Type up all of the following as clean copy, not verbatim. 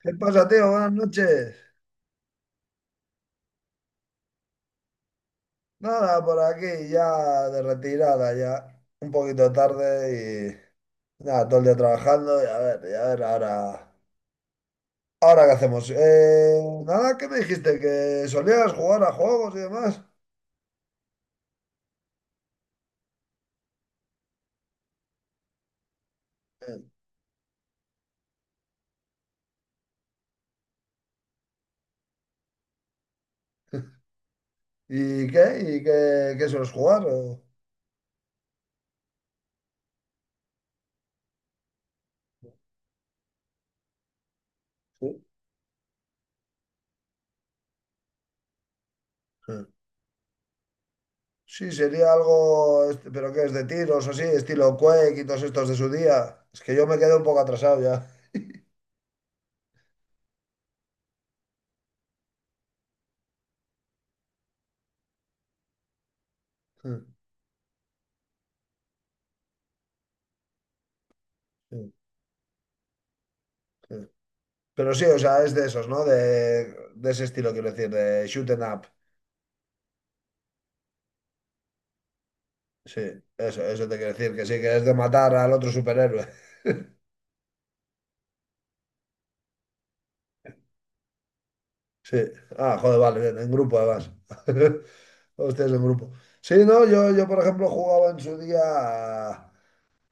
¿Qué pasa, tío? Buenas noches. Nada, por aquí ya de retirada, ya un poquito tarde y nada, todo el día trabajando y a ver, ahora, ahora qué hacemos. Nada, ¿qué me dijiste? ¿Que solías jugar a juegos y demás? ¿Y qué? ¿Y qué sueles jugar? ¿O? Sí, sí, sería algo, este, pero ¿qué es de tiros o así? Estilo Quake y todos estos de su día. Es que yo me quedé un poco atrasado ya. Pero sí, o sea, es de esos, ¿no? De ese estilo, quiero decir, de shoot 'em up. Sí, eso te quiero decir, que sí, que es de matar al otro superhéroe. Sí. Ah, joder, vale, bien, en grupo además. Hostias, en grupo. Sí, no, yo por ejemplo jugaba en su día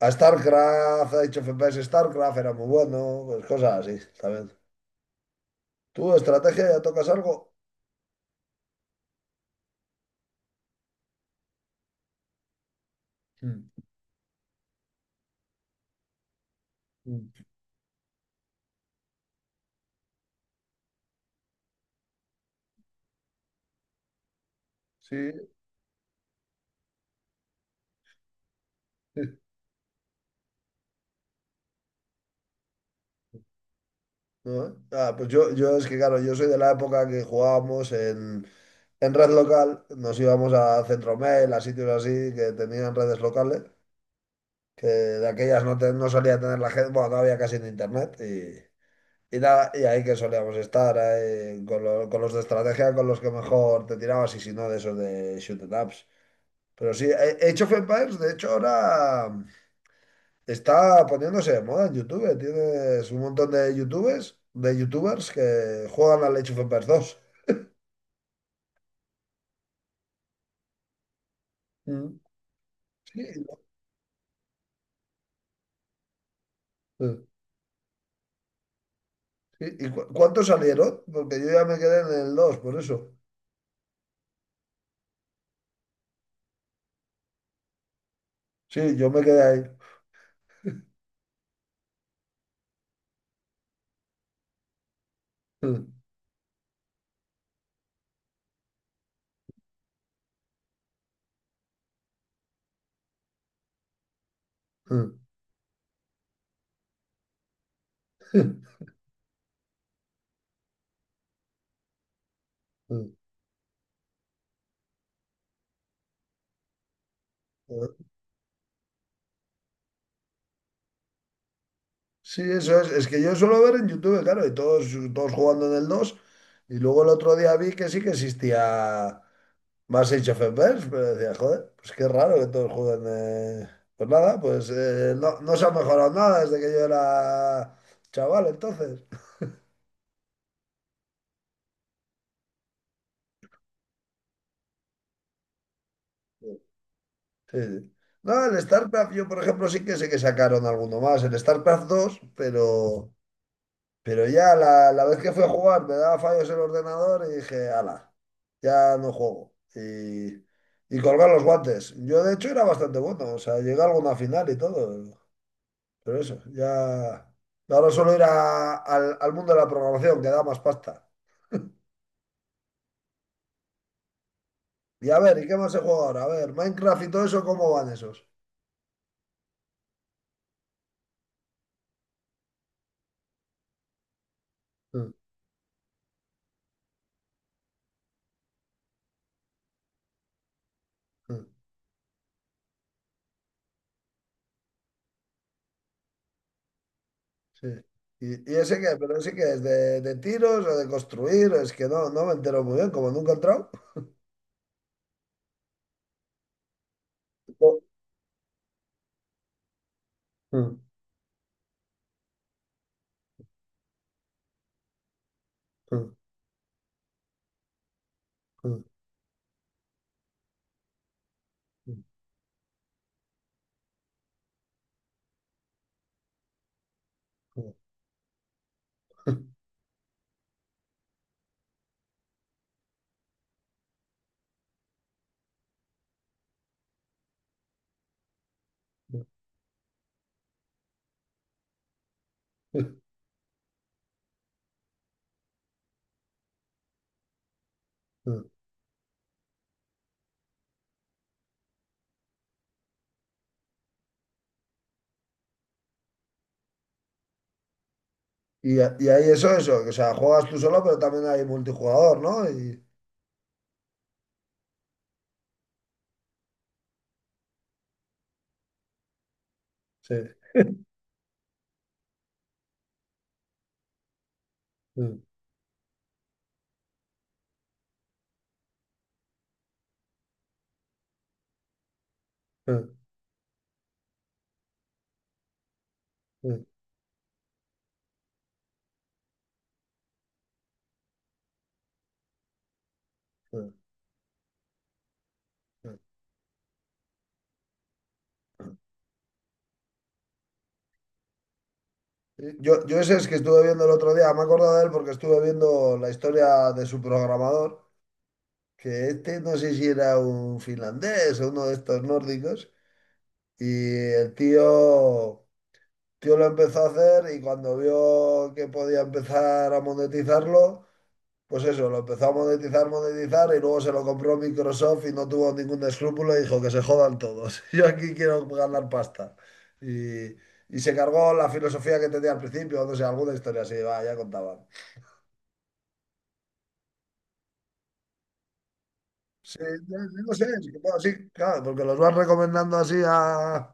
a StarCraft, a Age of Empires, StarCraft era muy bueno, pues cosas así, también. ¿Tú, estrategia, ya tocas algo? Mm, mm. Sí, sí, ¿no? Ah, pues yo es que, claro, yo soy de la época que jugábamos en red local, nos íbamos a Centromail, a sitios así que tenían redes locales, que de aquellas no, no solía tener la gente, bueno, no había casi ni internet y nada, y ahí que solíamos estar ahí con, con los de estrategia, con los que mejor te tirabas y si no de esos de shoot 'em ups. Pero sí, Age of Empires, de hecho, ahora está poniéndose de moda en YouTube. Tienes un montón de YouTubers que juegan al Age of Empires 2. Mm. Sí. Y cuántos salieron? Porque yo ya me quedé en el dos, por eso. Sí, yo me quedé ahí. Sí, eso es. Es que yo suelo ver en YouTube, claro, y todos, todos jugando en el 2. Y luego el otro día vi que sí que existía más Age of Empires, pero decía, joder, pues qué raro que todos jueguen. Pues nada, pues no, no se ha mejorado nada desde que yo era chaval, entonces. Sí, sí. No, el StarCraft, yo por ejemplo sí que sé que sacaron alguno más, el StarCraft dos, pero ya la vez que fui a jugar me daba fallos el ordenador y dije, ala, ya no juego. Y colgar los guantes. Yo de hecho era bastante bueno, o sea, llegué a alguna final y todo, pero eso, ya... Ahora solo ir al, al mundo de la programación, que da más pasta. Y a ver, ¿y qué más se juega ahora? A ver, Minecraft y todo eso, ¿cómo van esos? Mm, mm. Sí. Y ese que, pero ese que es de tiros o de construir, es que no, no me entero muy bien, como nunca he entrado. Mm, mm, mm, mm, mm, mm, mm. Y, y ahí eso, eso, que, o sea, juegas tú solo, pero también hay multijugador, ¿no? Y, sí. Mm, mm, mm, mm, mm. Yo ese es que estuve viendo el otro día, me he acordado de él porque estuve viendo la historia de su programador, que este no sé si era un finlandés o uno de estos nórdicos. Y el tío, tío lo empezó a hacer y cuando vio que podía empezar a monetizarlo, pues eso, lo empezó a monetizar, monetizar y luego se lo compró Microsoft y no tuvo ningún escrúpulo y dijo que se jodan todos. Yo aquí quiero ganar pasta. Y, y se cargó la filosofía que tenía al principio, no sé, alguna historia así, va, ya contaban. Sí, no, no sé, sí, bueno, sí, claro, porque los vas recomendando así a,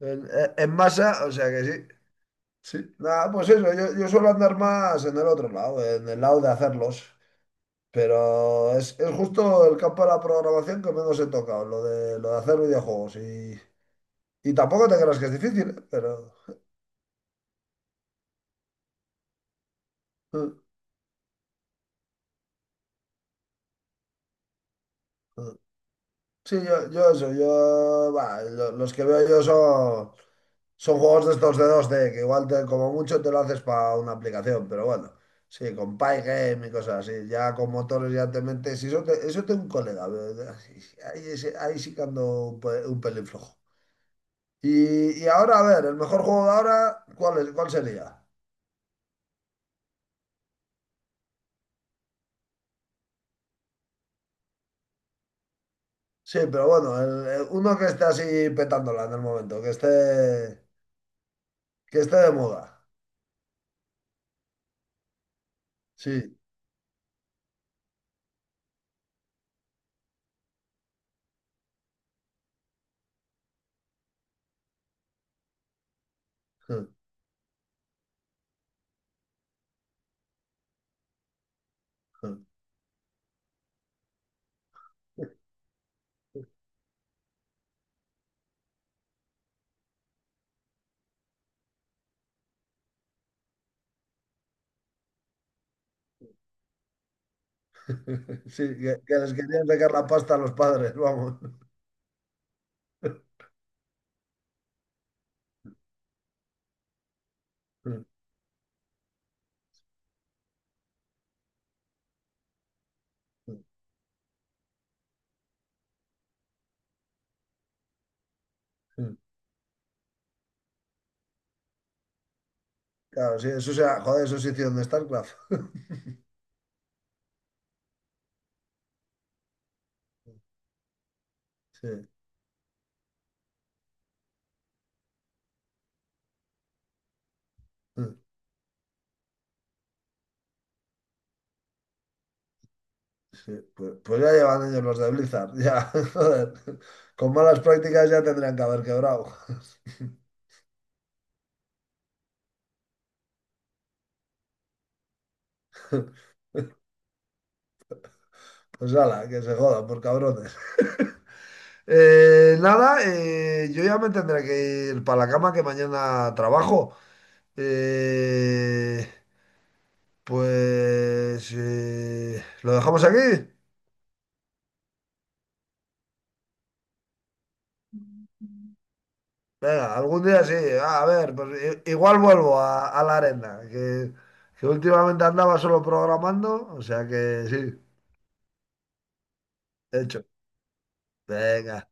en, en masa, o sea que sí. Sí, nada, pues eso, yo suelo andar más en el otro lado, en el lado de hacerlos, pero es justo el campo de la programación que menos he tocado, lo de hacer videojuegos. Y tampoco te creas que es difícil, ¿eh? Pero... eh, eh. Sí, yo eso, yo... bah, los que veo yo son... Son juegos de estos de dos d que igual como mucho te lo haces para una aplicación, pero bueno, sí, con Pygame y cosas así, ya con motores ya te metes. Y eso, eso tengo un colega, ahí, ahí sí que ando un, un pelín flojo. Y ahora, a ver, el mejor juego de ahora, ¿cuál es, cuál sería? Sí, pero bueno, uno que esté así petándola en el momento, que esté de moda. Sí. Sí, sí, que les querían sacar la pasta a los padres, vamos. Claro, sí, eso sea, joder, eso sí hicieron de StarCraft. Sí, sí. Pues, pues ya llevan ellos los de Blizzard, ya, joder. Con malas prácticas ya tendrían que haber quebrado. Pues ala, que se jodan por cabrones. Nada, yo ya me tendré que ir para la cama que mañana trabajo. Eh, pues lo dejamos aquí. Venga, algún día sí. Ah, a ver, pues igual vuelvo a la arena, que últimamente andaba solo programando, o sea que sí, hecho. Venga.